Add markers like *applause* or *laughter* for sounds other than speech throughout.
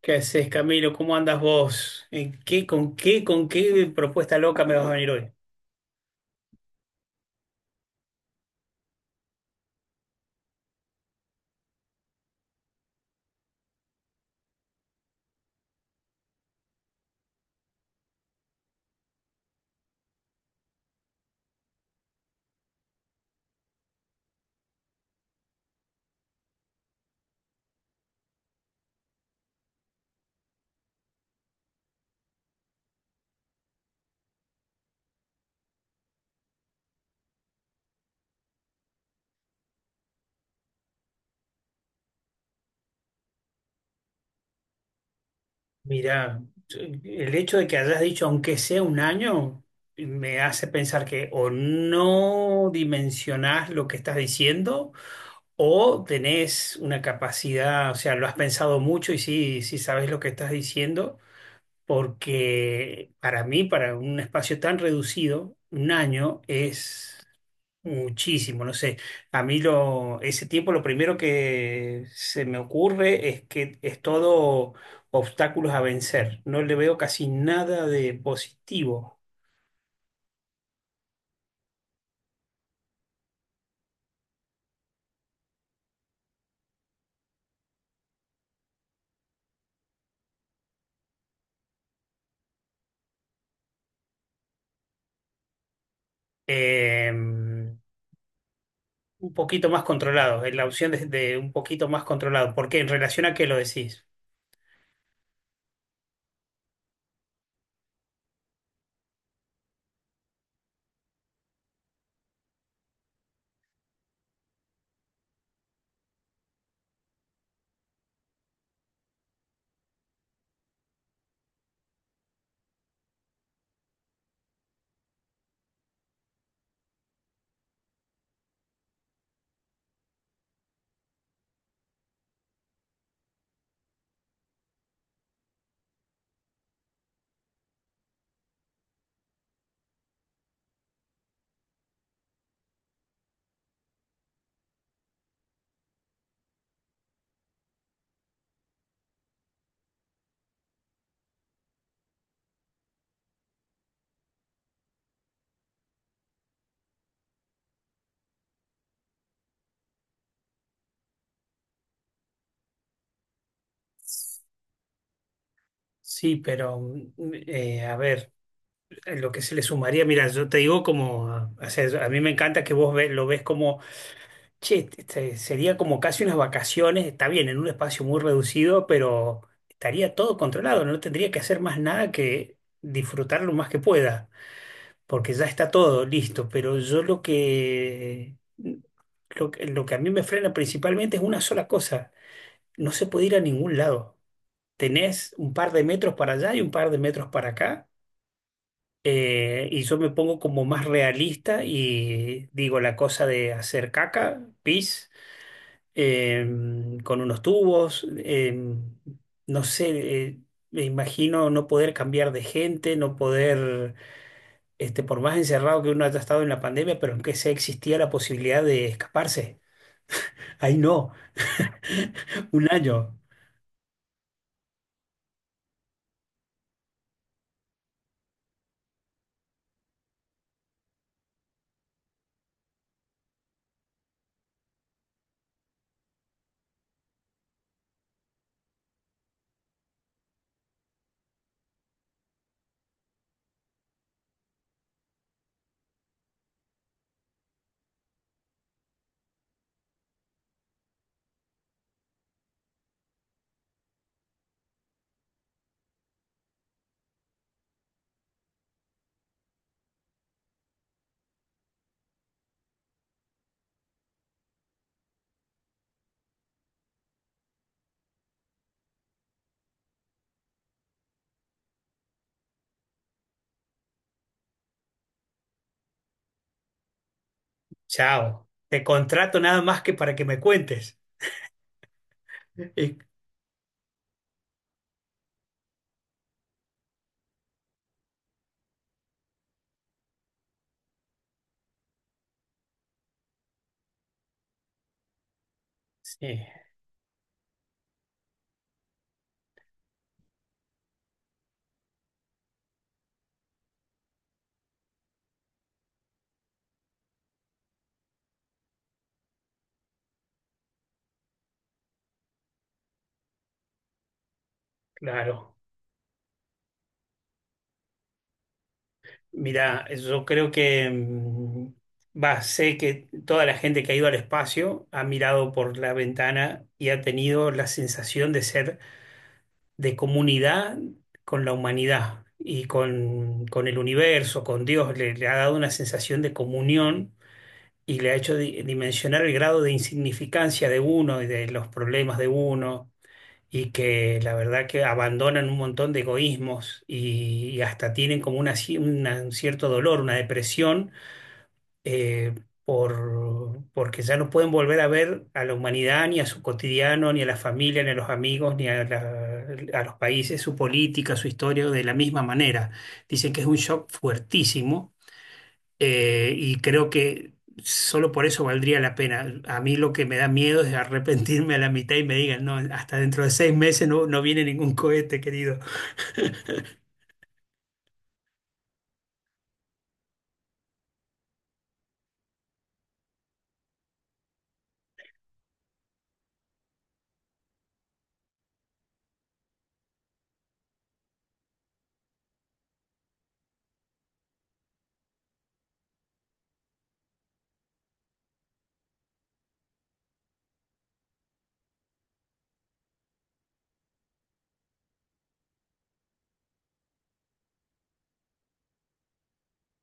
¿Qué haces, Camilo? ¿Cómo andas vos? ¿En qué, con qué propuesta loca me vas a venir hoy? Mirá, el hecho de que hayas dicho aunque sea un año me hace pensar que o no dimensionás lo que estás diciendo o tenés una capacidad, o sea, lo has pensado mucho y sí, sí sabes lo que estás diciendo, porque para mí, para un espacio tan reducido, un año es muchísimo, no sé. A mí lo, ese tiempo lo primero que se me ocurre es que es todo obstáculos a vencer. No le veo casi nada de positivo. Un poquito más controlado, es la opción de un poquito más controlado. ¿Por qué? En relación a qué lo decís. Sí, pero a ver, lo que se le sumaría, mira, yo te digo como, o sea, a mí me encanta que vos ve- lo ves como: che, este sería como casi unas vacaciones, está bien, en un espacio muy reducido, pero estaría todo controlado, no tendría que hacer más nada que disfrutar lo más que pueda, porque ya está todo listo, pero yo lo que a mí me frena principalmente es una sola cosa, no se puede ir a ningún lado. Tenés un par de metros para allá y un par de metros para acá, y yo me pongo como más realista y digo la cosa de hacer caca, pis con unos tubos, no sé, eh, me imagino no poder cambiar de gente, no poder, este, por más encerrado que uno haya estado en la pandemia, pero aunque sea existía la posibilidad de escaparse. Ahí no, *laughs* un año, chao, te contrato nada más que para que me cuentes. Eh, sí, claro. Mirá, yo creo que, va, sé que toda la gente que ha ido al espacio ha mirado por la ventana y ha tenido la sensación de ser de comunidad con la humanidad y con el universo, con Dios. Le ha dado una sensación de comunión y le ha hecho di- dimensionar el grado de insignificancia de uno y de los problemas de uno y que la verdad que abandonan un montón de egoísmos y hasta tienen como una, ci- una- un cierto dolor, una depresión, eh, porque ya no pueden volver a ver a la humanidad, ni a su cotidiano, ni a la familia, ni a los amigos, ni a, la- a los países, su política, su historia, de la misma manera. Dicen que es un shock fuertísimo, y creo que solo por eso valdría la pena. A mí lo que me da miedo es arrepentirme a la mitad y me digan, no, hasta dentro de seis meses no, no viene ningún cohete, querido.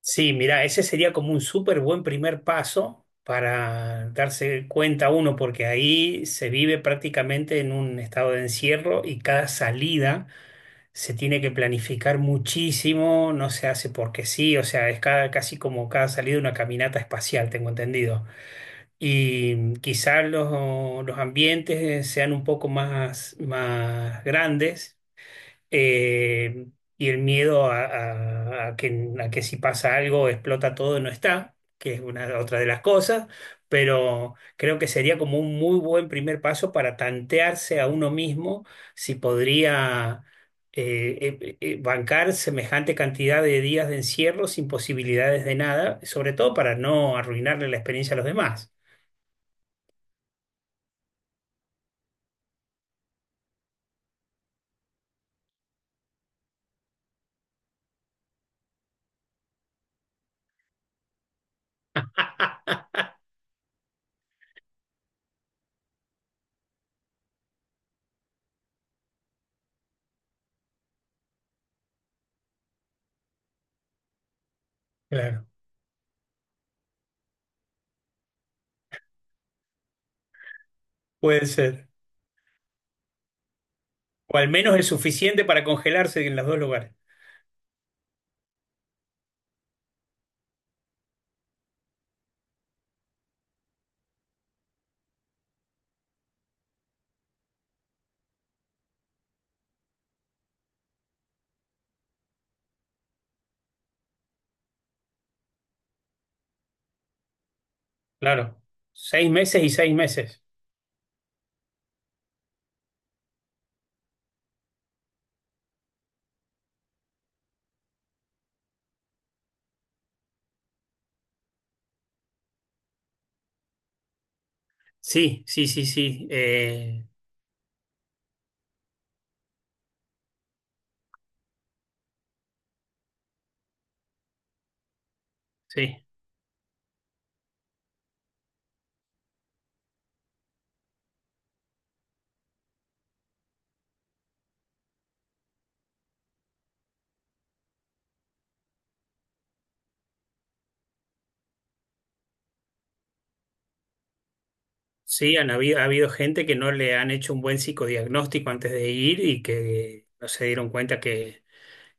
Sí, mira, ese sería como un súper buen primer paso para darse cuenta uno, porque ahí se vive prácticamente en un estado de encierro y cada salida se tiene que planificar muchísimo, no se hace porque sí, o sea, es cada- casi como cada salida una caminata espacial, tengo entendido. Y quizás los ambientes sean un poco más, más grandes, eh, y el miedo a que si pasa algo explota todo no está, que es una otra de las cosas, pero creo que sería como un muy buen primer paso para tantearse a uno mismo si podría... bancar semejante cantidad de días de encierro sin posibilidades de nada, sobre todo para no arruinarle la experiencia a los demás. Puede ser. O al menos el suficiente para congelarse en los dos lugares. Claro. Seis meses y seis meses. Sí, sí, sí, sí. Sí. Sí, han habido, ha habido gente que no le han hecho un buen psicodiagnóstico antes de ir y que no se dieron cuenta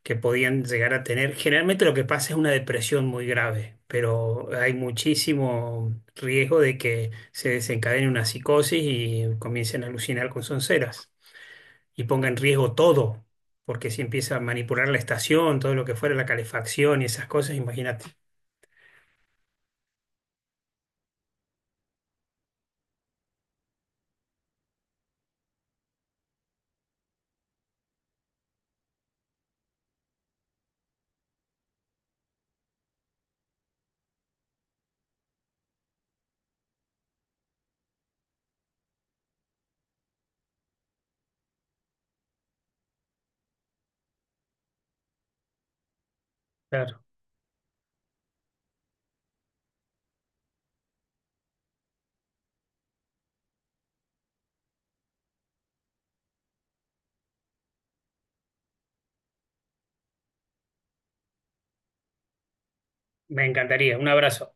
que podían llegar a tener. Generalmente lo que pasa es una depresión muy grave, pero hay muchísimo riesgo de que se desencadene una psicosis y comiencen a alucinar con sonceras y ponga en riesgo todo, porque si empieza a manipular la estación, todo lo que fuera, la calefacción y esas cosas, imagínate. Claro, me encantaría. Un abrazo.